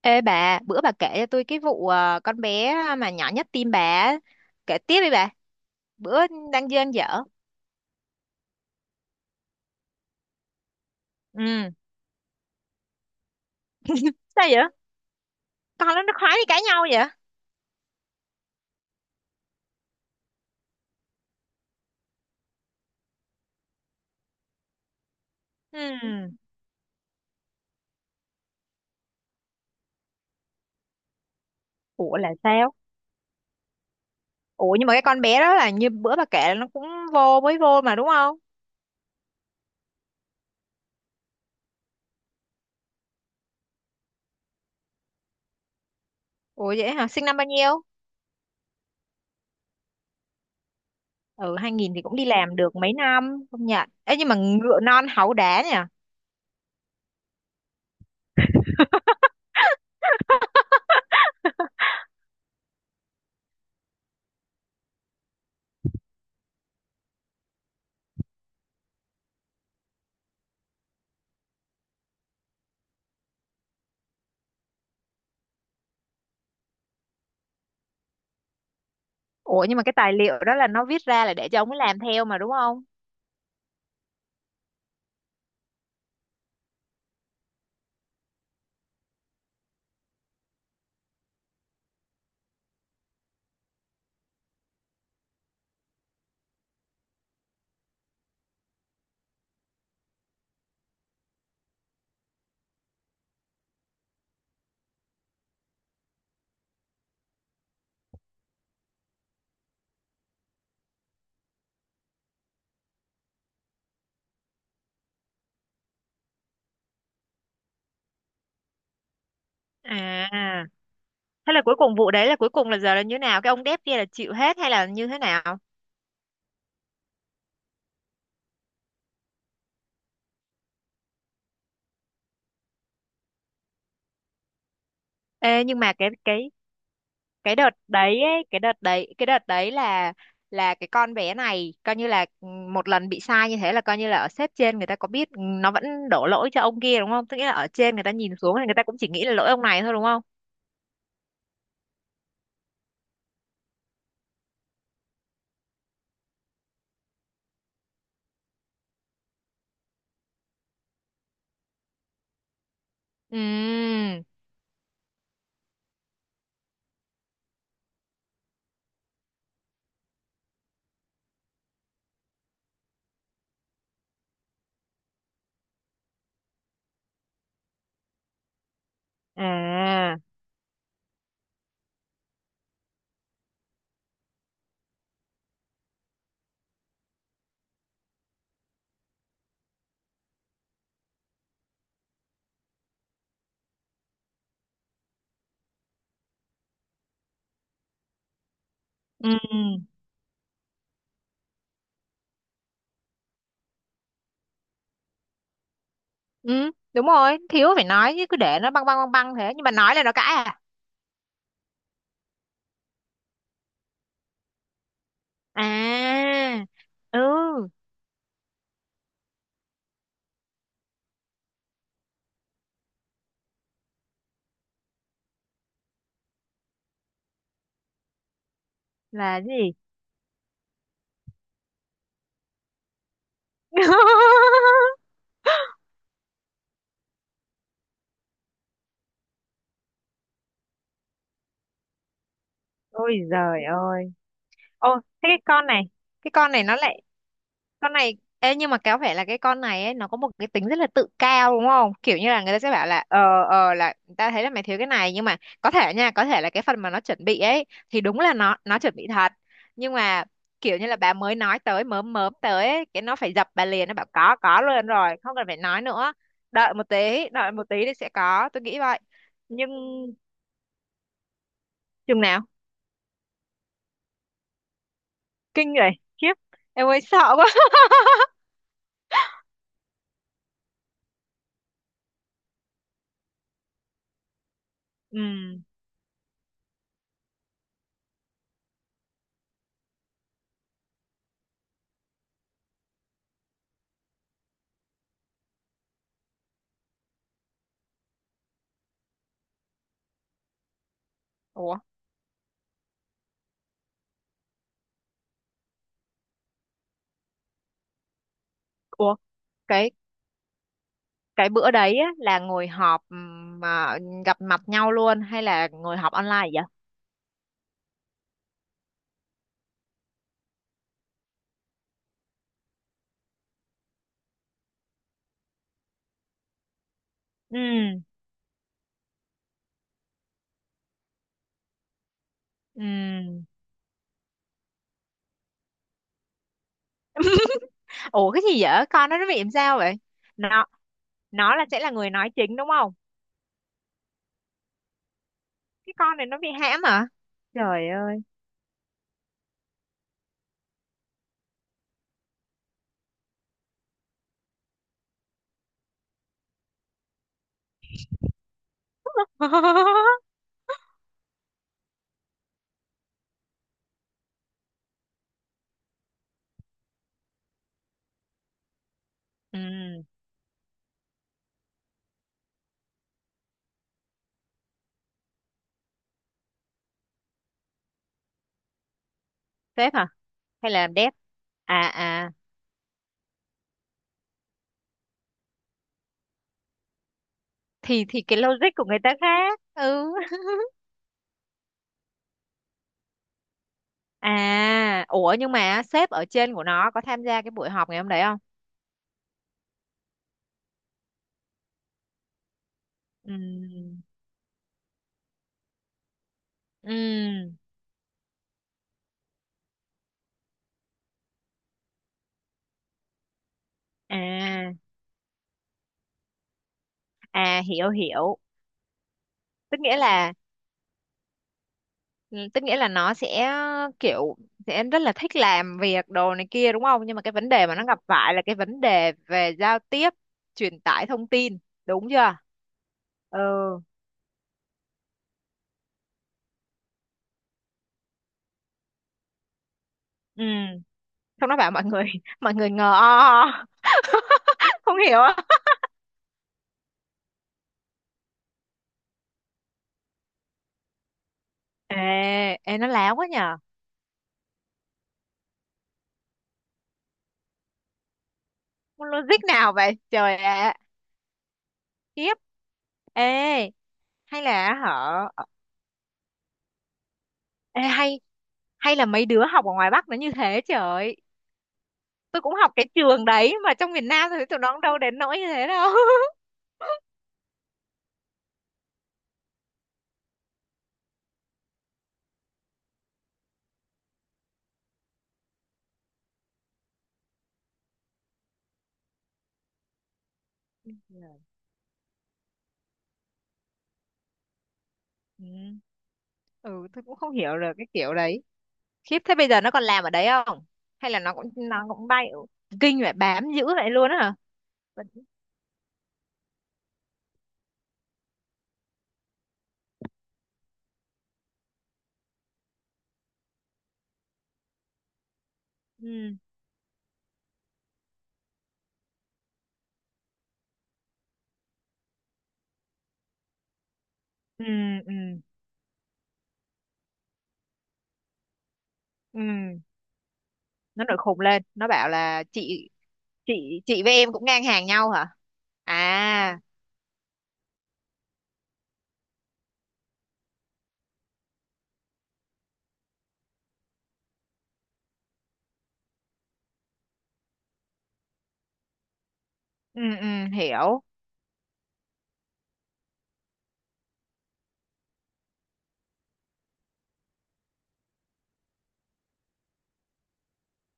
Ê bà, bữa bà kể cho tôi cái vụ con bé mà nhỏ nhất tim bà á. Kể tiếp đi bà. Bữa đang dơn dở. Ừ, sao vậy? Con nó khoái đi cãi nhau vậy? Ừ. Ủa là sao? Ủa nhưng mà cái con bé đó là như bữa bà kể là nó cũng vô, mới vô mà đúng không? Ủa vậy hả? Sinh năm bao nhiêu? Ừ, 2000 thì cũng đi làm được mấy năm, không nhận. Ê nhưng mà ngựa non háu đá nhỉ? Ủa nhưng mà cái tài liệu đó là nó viết ra là để cho ông ấy làm theo mà đúng không? À. Thế là cuối cùng vụ đấy là cuối cùng là giờ là như thế nào? Cái ông đép kia là chịu hết hay là như thế nào? Ê, nhưng mà cái đợt đấy ấy, cái đợt đấy là cái con bé này coi như là ừ, một lần bị sai như thế là coi như là ở sếp trên người ta có biết nó vẫn đổ lỗi cho ông kia đúng không? Tức nghĩa là ở trên người ta nhìn xuống thì người ta cũng chỉ nghĩ là lỗi ông này thôi đúng không? Ừ. À. Ừ. Ừ, đúng rồi, thiếu phải nói chứ cứ để nó băng băng băng băng thế, nhưng mà nói là nó cãi à? À. Ừ, là gì? Ôi giời ơi. Ô, thế cái con này nó lại con này Ê, nhưng mà có vẻ là cái con này ấy, nó có một cái tính rất là tự cao đúng không? Kiểu như là người ta sẽ bảo là ờ là ta thấy là mày thiếu cái này, nhưng mà có thể nha, có thể là cái phần mà nó chuẩn bị ấy thì đúng là nó chuẩn bị thật. Nhưng mà kiểu như là bà mới nói tới mớm mớm tới ấy, cái nó phải dập bà liền, nó bảo có luôn rồi, không cần phải nói nữa. Đợi một tí thì sẽ có, tôi nghĩ vậy. Nhưng chừng nào kinh vậy, khiếp, em ơi sợ quá. Ừ. Ủa, ủa cái cái bữa đấy á, là ngồi họp mà gặp mặt nhau luôn hay là ngồi họp online vậy? Ừ. Ừ. Ủa cái gì vậy, con nó bị làm sao vậy? Nó nó là sẽ là người nói chính đúng không? Cái con này nó bị hãm hả? Trời ơi. Ừ. Sếp hả? Hay là làm dev? À à. Thì cái logic của người ta khác. Ừ. À, ủa nhưng mà sếp ở trên của nó có tham gia cái buổi họp ngày hôm đấy không? Ừ. Ừ. À, à hiểu hiểu. Tức nghĩa là ừ, tức nghĩa là nó sẽ kiểu sẽ rất là thích làm việc đồ này kia đúng không? Nhưng mà cái vấn đề mà nó gặp phải là cái vấn đề về giao tiếp, truyền tải thông tin, đúng chưa? Ừ. Ừ. Xong nó bảo mọi người mọi người ngờ o, o. Không hiểu á. Ê, ê nó láo quá nhờ. Con Logic nào vậy? Trời ạ. Khiếp. Ê hay là họ ê, hay hay là mấy đứa học ở ngoài Bắc nó như thế, trời. Tôi cũng học cái trường đấy mà trong miền Nam thì tụi nó cũng đâu đến nỗi như thế đâu. Ừ. Ừ, tôi cũng không hiểu được cái kiểu đấy. Khiếp, thế bây giờ nó còn làm ở đấy không? Hay là nó cũng bay? Kinh vậy, bám dữ vậy luôn á hả? Vẫn- ừ. Ừ. Ừ. Ừ, nó nổi khùng lên nó bảo là chị với em cũng ngang hàng nhau hả? À. Ừ. Ừ hiểu.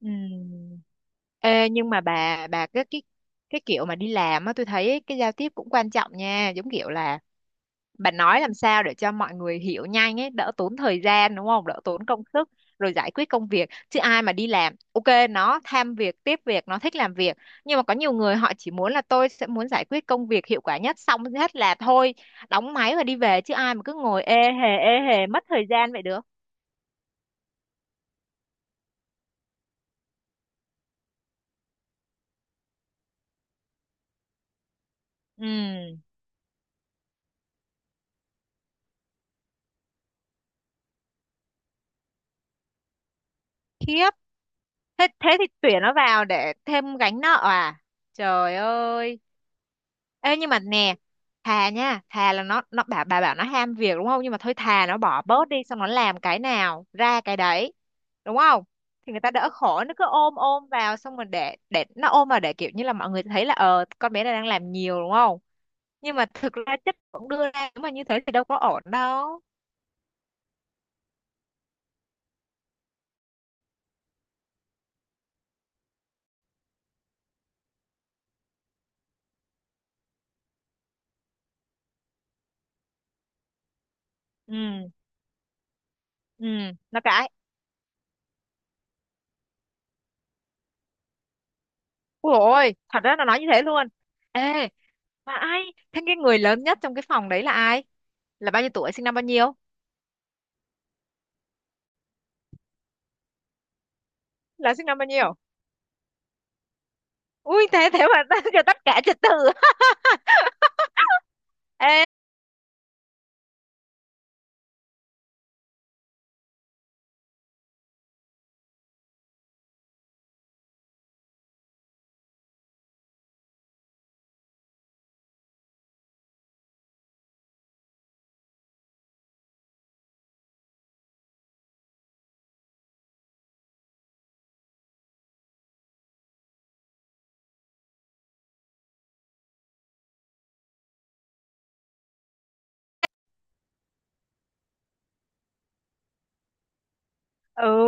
Ừm. Ê, nhưng mà bà cái kiểu mà đi làm á, tôi thấy cái giao tiếp cũng quan trọng nha, giống kiểu là bà nói làm sao để cho mọi người hiểu nhanh ấy, đỡ tốn thời gian đúng không, đỡ tốn công sức rồi giải quyết công việc, chứ ai mà đi làm, ok nó tham việc, tiếp việc, nó thích làm việc, nhưng mà có nhiều người họ chỉ muốn là tôi sẽ muốn giải quyết công việc hiệu quả nhất xong hết là thôi, đóng máy và đi về chứ ai mà cứ ngồi ê hề mất thời gian vậy được. Ừ. Khiếp, thế thế thì tuyển nó vào để thêm gánh nợ à? Trời ơi. Ê nhưng mà nè, thà nha, thà là nó bảo bà bảo nó ham việc đúng không, nhưng mà thôi thà nó bỏ bớt đi xong nó làm cái nào ra cái đấy đúng không, thì người ta đỡ khổ. Nó cứ ôm ôm vào xong rồi để nó ôm vào để kiểu như là mọi người thấy là ờ con bé này đang làm nhiều đúng không, nhưng mà thực ra chất cũng đưa ra, nếu mà như thế thì đâu có ổn đâu. Ừ. Ừ nó cãi. Ôi dồi ôi, thật ra nó nói như thế luôn. Ê, mà ai? Thế cái người lớn nhất trong cái phòng đấy là ai? Là bao nhiêu tuổi, sinh năm bao nhiêu? Là sinh năm bao nhiêu? Ui, thế thế mà tất cả trật tự. Ừ.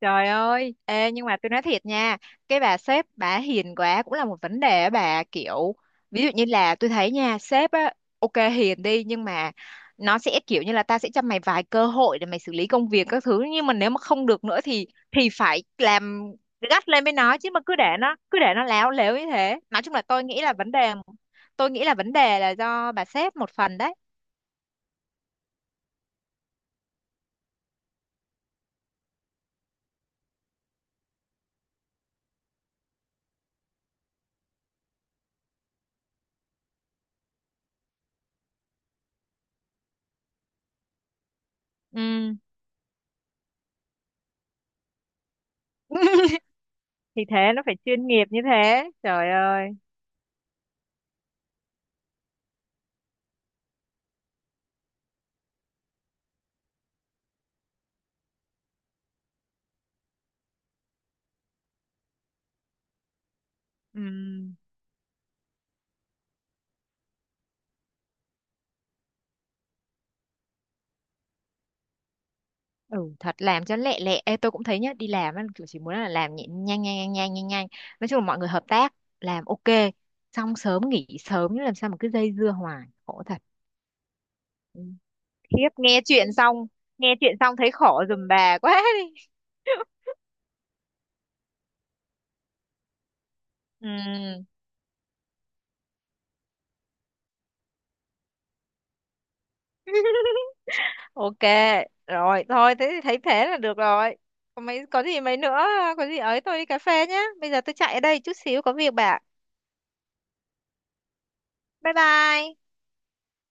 Trời ơi, ê nhưng mà tôi nói thiệt nha, cái bà sếp bà hiền quá cũng là một vấn đề á bà, kiểu ví dụ như là tôi thấy nha, sếp á ok hiền đi, nhưng mà nó sẽ kiểu như là ta sẽ cho mày vài cơ hội để mày xử lý công việc các thứ, nhưng mà nếu mà không được nữa thì phải làm gắt lên với nó chứ, mà cứ để nó láo lếu như thế, nói chung là tôi nghĩ là vấn đề tôi nghĩ là vấn đề là do bà sếp một phần đấy. Ừ. Thì thế nó phải chuyên nghiệp như thế, trời ơi. Ừ. Ừ thật, làm cho lẹ lẹ. Ê, tôi cũng thấy nhá, đi làm á, kiểu chỉ muốn là làm nhẹ- nhanh nhanh nhanh nhanh nhanh nhanh, nói chung là mọi người hợp tác làm ok, xong sớm nghỉ sớm chứ làm sao mà cứ dây dưa hoài, khổ thật. Ừ. Khiếp, nghe chuyện xong, nghe chuyện xong thấy khổ giùm bà quá đi. Ừ. Ok, rồi thôi thế thì thấy thế là được rồi, có mấy có gì mấy nữa, có gì ấy tôi đi cà phê nhá, bây giờ tôi chạy ở đây chút xíu có việc bà. Bye bye.